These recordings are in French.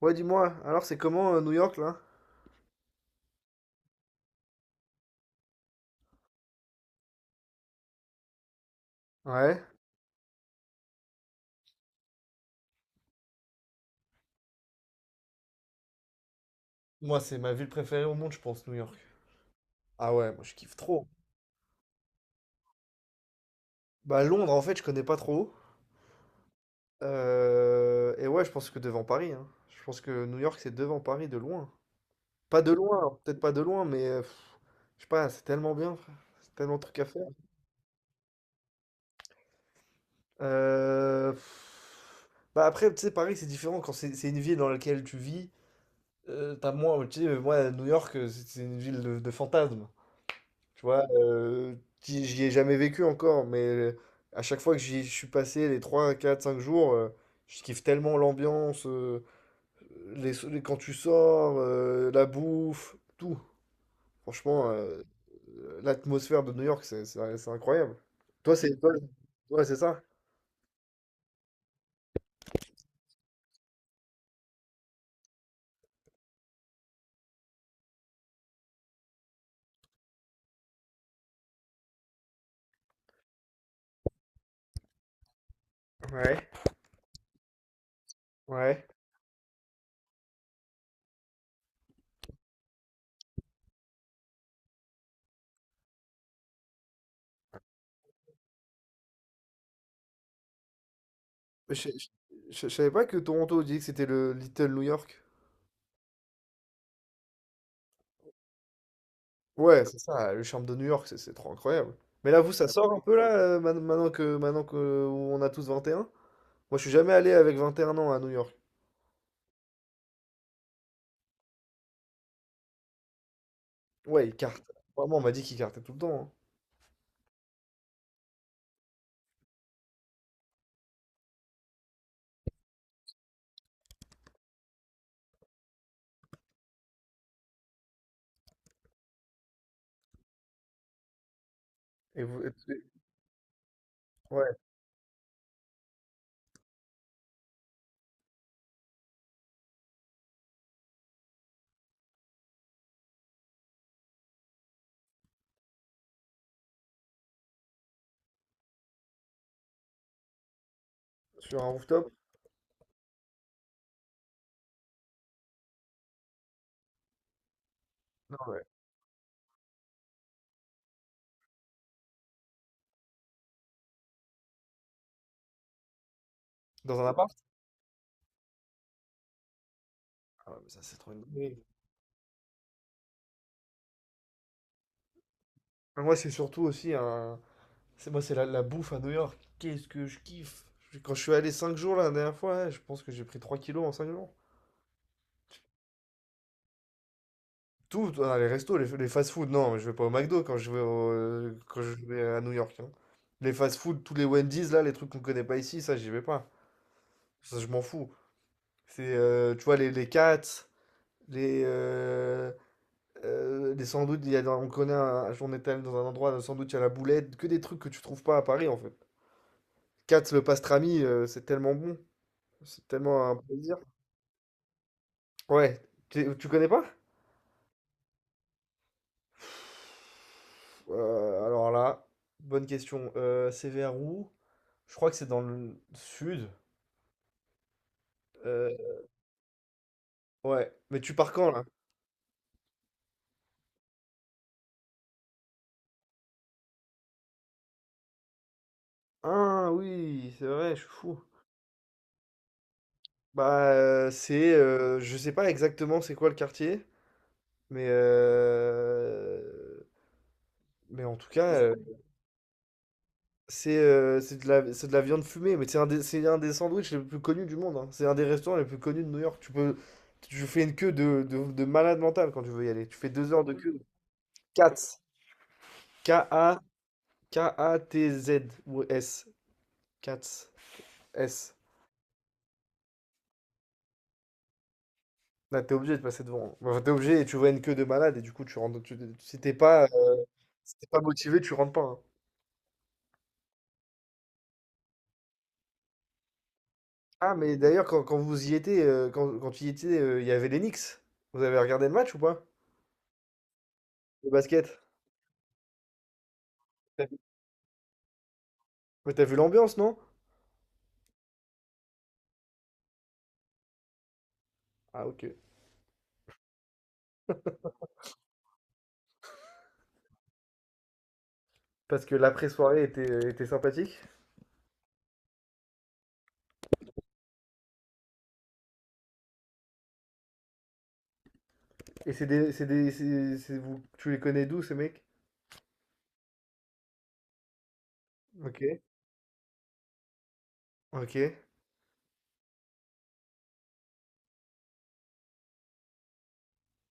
Ouais, dis-moi, alors c'est comment New York là? Ouais. Moi, c'est ma ville préférée au monde, je pense, New York. Ah ouais, moi je kiffe trop. Bah Londres en fait, je connais pas trop. Et ouais, je pense que devant Paris, hein. Je pense que New York c'est devant Paris de loin. Pas de loin, peut-être pas de loin, mais je sais pas, c'est tellement bien, frère. C'est tellement de trucs à faire. Euh, pff, Bah après, tu sais, Paris c'est différent quand c'est une ville dans laquelle tu vis. T'as moins, tu sais, moi New York c'est une ville de fantasmes. Tu vois, j'y ai jamais vécu encore, mais à chaque fois que j'y je suis passé les 3 4 5 jours, je kiffe tellement l'ambiance, quand tu sors, la bouffe, tout. Franchement, l'atmosphère de New York, c'est incroyable. Toi, c'est ça? Ouais. Ouais. Je, je, je savais pas que Toronto disait que c'était le Little New York. Ouais, c'est ça, le charme de New York, c'est trop incroyable. Mais là, vous, ça sort un peu là, maintenant que on a tous vingt et un. Moi, je suis jamais allé avec 21 ans à New York. Ouais, il carte. Vraiment, on m'a dit qu'il cartait tout le temps, hein. Et vous, et- ouais, sur un rooftop? Non, ouais. Dans un appart? Ah ouais, mais ça, c'est trop une dinguerie. Moi, c'est surtout aussi un. C'est moi, c'est la bouffe à New York. Qu'est-ce que je kiffe! Quand je suis allé 5 jours là, la dernière fois, hein, je pense que j'ai pris 3 kilos en 5 jours. Tout, ah, les restos, les fast-food, non, je vais pas au McDo quand je vais à New York, hein. Les fast-food, tous les Wendy's, là, les trucs qu'on connaît pas ici, ça, j'y vais pas. Ça, je m'en fous. C'est, tu vois, les Cats, les, euh, les sandwichs, il y a, dans- on connaît, un, on est allé dans un endroit, un sandwich à la boulette, que des trucs que tu trouves pas à Paris, en fait. Cats, le pastrami, c'est tellement bon, c'est tellement un plaisir. Ouais, tu connais pas? Alors là, bonne question. C'est vers où? Je crois que c'est dans le sud. Euh, ouais. Mais tu pars quand là? Ah oui, c'est vrai, je suis fou. Bah c'est je sais pas exactement c'est quoi le quartier, mais euh, mais en tout cas c'est de la viande fumée, mais c'est un des sandwichs les plus connus du monde, hein. C'est un des restaurants les plus connus de New York. Tu fais une queue de malade mental quand tu veux y aller. Tu fais 2 heures de queue. Katz. K-A, K-A-T-Z ou S. Katz. S. Là, tu obligé de passer devant. Enfin, tu obligé et tu vois une queue de malade et du coup, tu rentres. Tu, si t'es pas, Si t'es pas motivé, tu rentres pas, hein. Ah, mais d'ailleurs, quand vous y étiez, quand tu y étais, il y avait les Knicks. Vous avez regardé le match ou pas? Le basket? T'as vu Mais t'as vu l'ambiance, non? Ah, ok. Parce que l'après-soirée était sympathique. Et c'est vous, tu les connais d'où, ces mecs? Ok. Ok.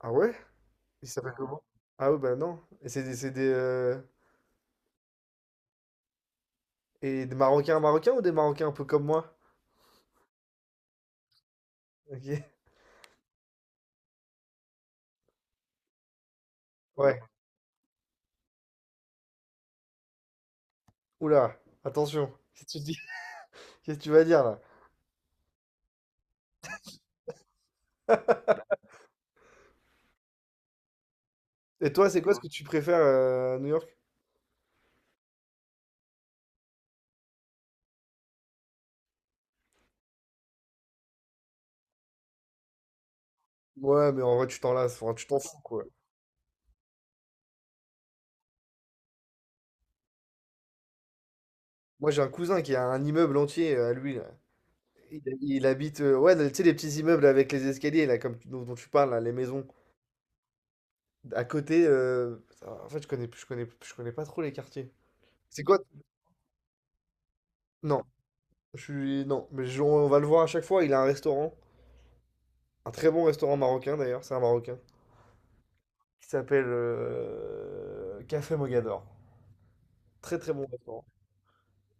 Ah ouais? Ils s'appellent comment? Ah ouais, bah non. Et des Marocains Marocains ou des Marocains un peu comme moi? Ok. Ouais. Oula, attention. Qu'est-ce que tu dis, qu'est-ce que tu vas dire là? Et toi, c'est quoi ce, ouais, que tu préfères à New York? Ouais, mais en vrai, tu t'en lasses, enfin, tu t'en fous quoi. Moi, j'ai un cousin qui a un immeuble entier à lui là. Il habite, ouais, tu sais, les petits immeubles avec les escaliers là, comme, dont tu parles là, les maisons. À côté, en fait, je connais pas trop les quartiers. C'est quoi? Non, non, mais on va le voir à chaque fois. Il a un restaurant, un très bon restaurant marocain d'ailleurs, c'est un marocain, qui s'appelle Café Mogador. Très très bon restaurant.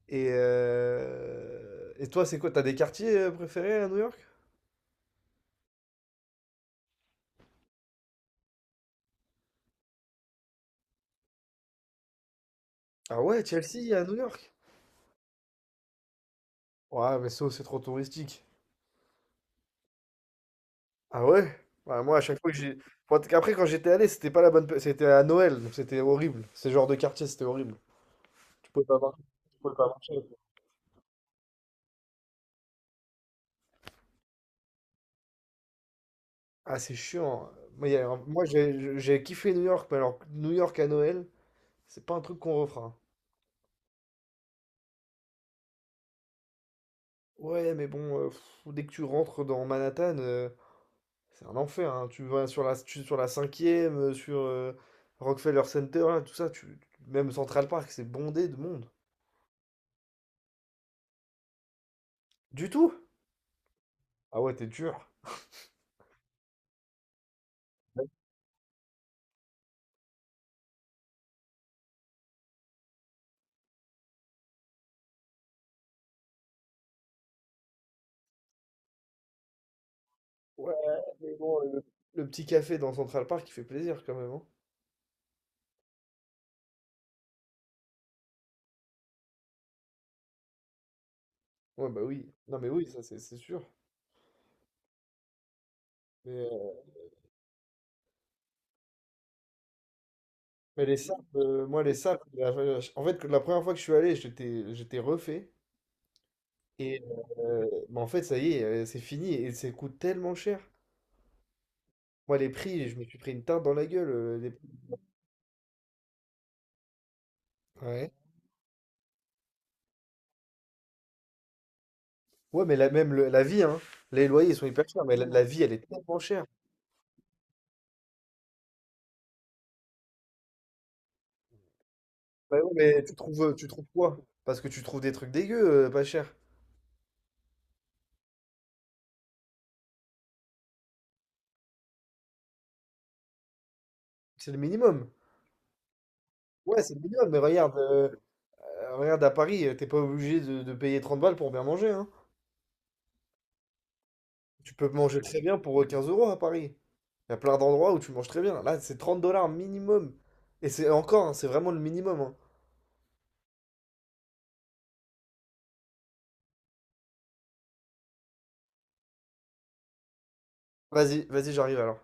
Et, toi, c'est quoi? T'as des quartiers préférés à New York? Ah ouais, Chelsea à New York? Ouais, mais ça, c'est trop touristique. Ah ouais? Ouais, moi, à chaque fois que j'ai. Moi, après, quand j'étais allé, c'était pas la bonne. C'était à Noël, donc c'était horrible. Ce genre de quartier, c'était horrible. Tu pouvais pas marcher. Tu pouvais pas marcher. Ah, c'est chiant. Moi, il y a un- moi, j'ai kiffé New York, mais alors New York à Noël, c'est pas un truc qu'on refera. Ouais, mais bon, dès que tu rentres dans Manhattan. C'est un enfer, hein. Tu vas sur la cinquième sur Rockefeller Center, là, tout ça, tu, même Central Park, c'est bondé de monde. Du tout? Ah ouais, t'es dur. Ouais, mais bon, le petit café dans Central Park, il fait plaisir quand même, hein. Ouais, bah oui. Non, mais oui, ça, c'est sûr. Mais, moi, les sapes, en fait, la première fois que je suis allé, j'étais refait. Et euh, bah, en fait, ça y est, c'est fini. Et ça coûte tellement cher. Moi, les prix, je me suis pris une tarte dans la gueule. Ouais. Ouais, mais la vie, hein. Les loyers, ils sont hyper chers, mais la vie, elle est tellement chère. Bah ouais, mais tu trouves quoi? Parce que tu trouves des trucs dégueux, pas cher. C'est le minimum. Ouais, c'est le minimum, mais regarde à Paris, t'es pas obligé de payer 30 balles pour bien manger, hein. Tu peux manger très bien pour 15 euros à Paris. Il y a plein d'endroits où tu manges très bien. Là, c'est 30 $ minimum. Et c'est encore, hein, c'est vraiment le minimum, hein. Vas-y, vas-y, j'arrive alors.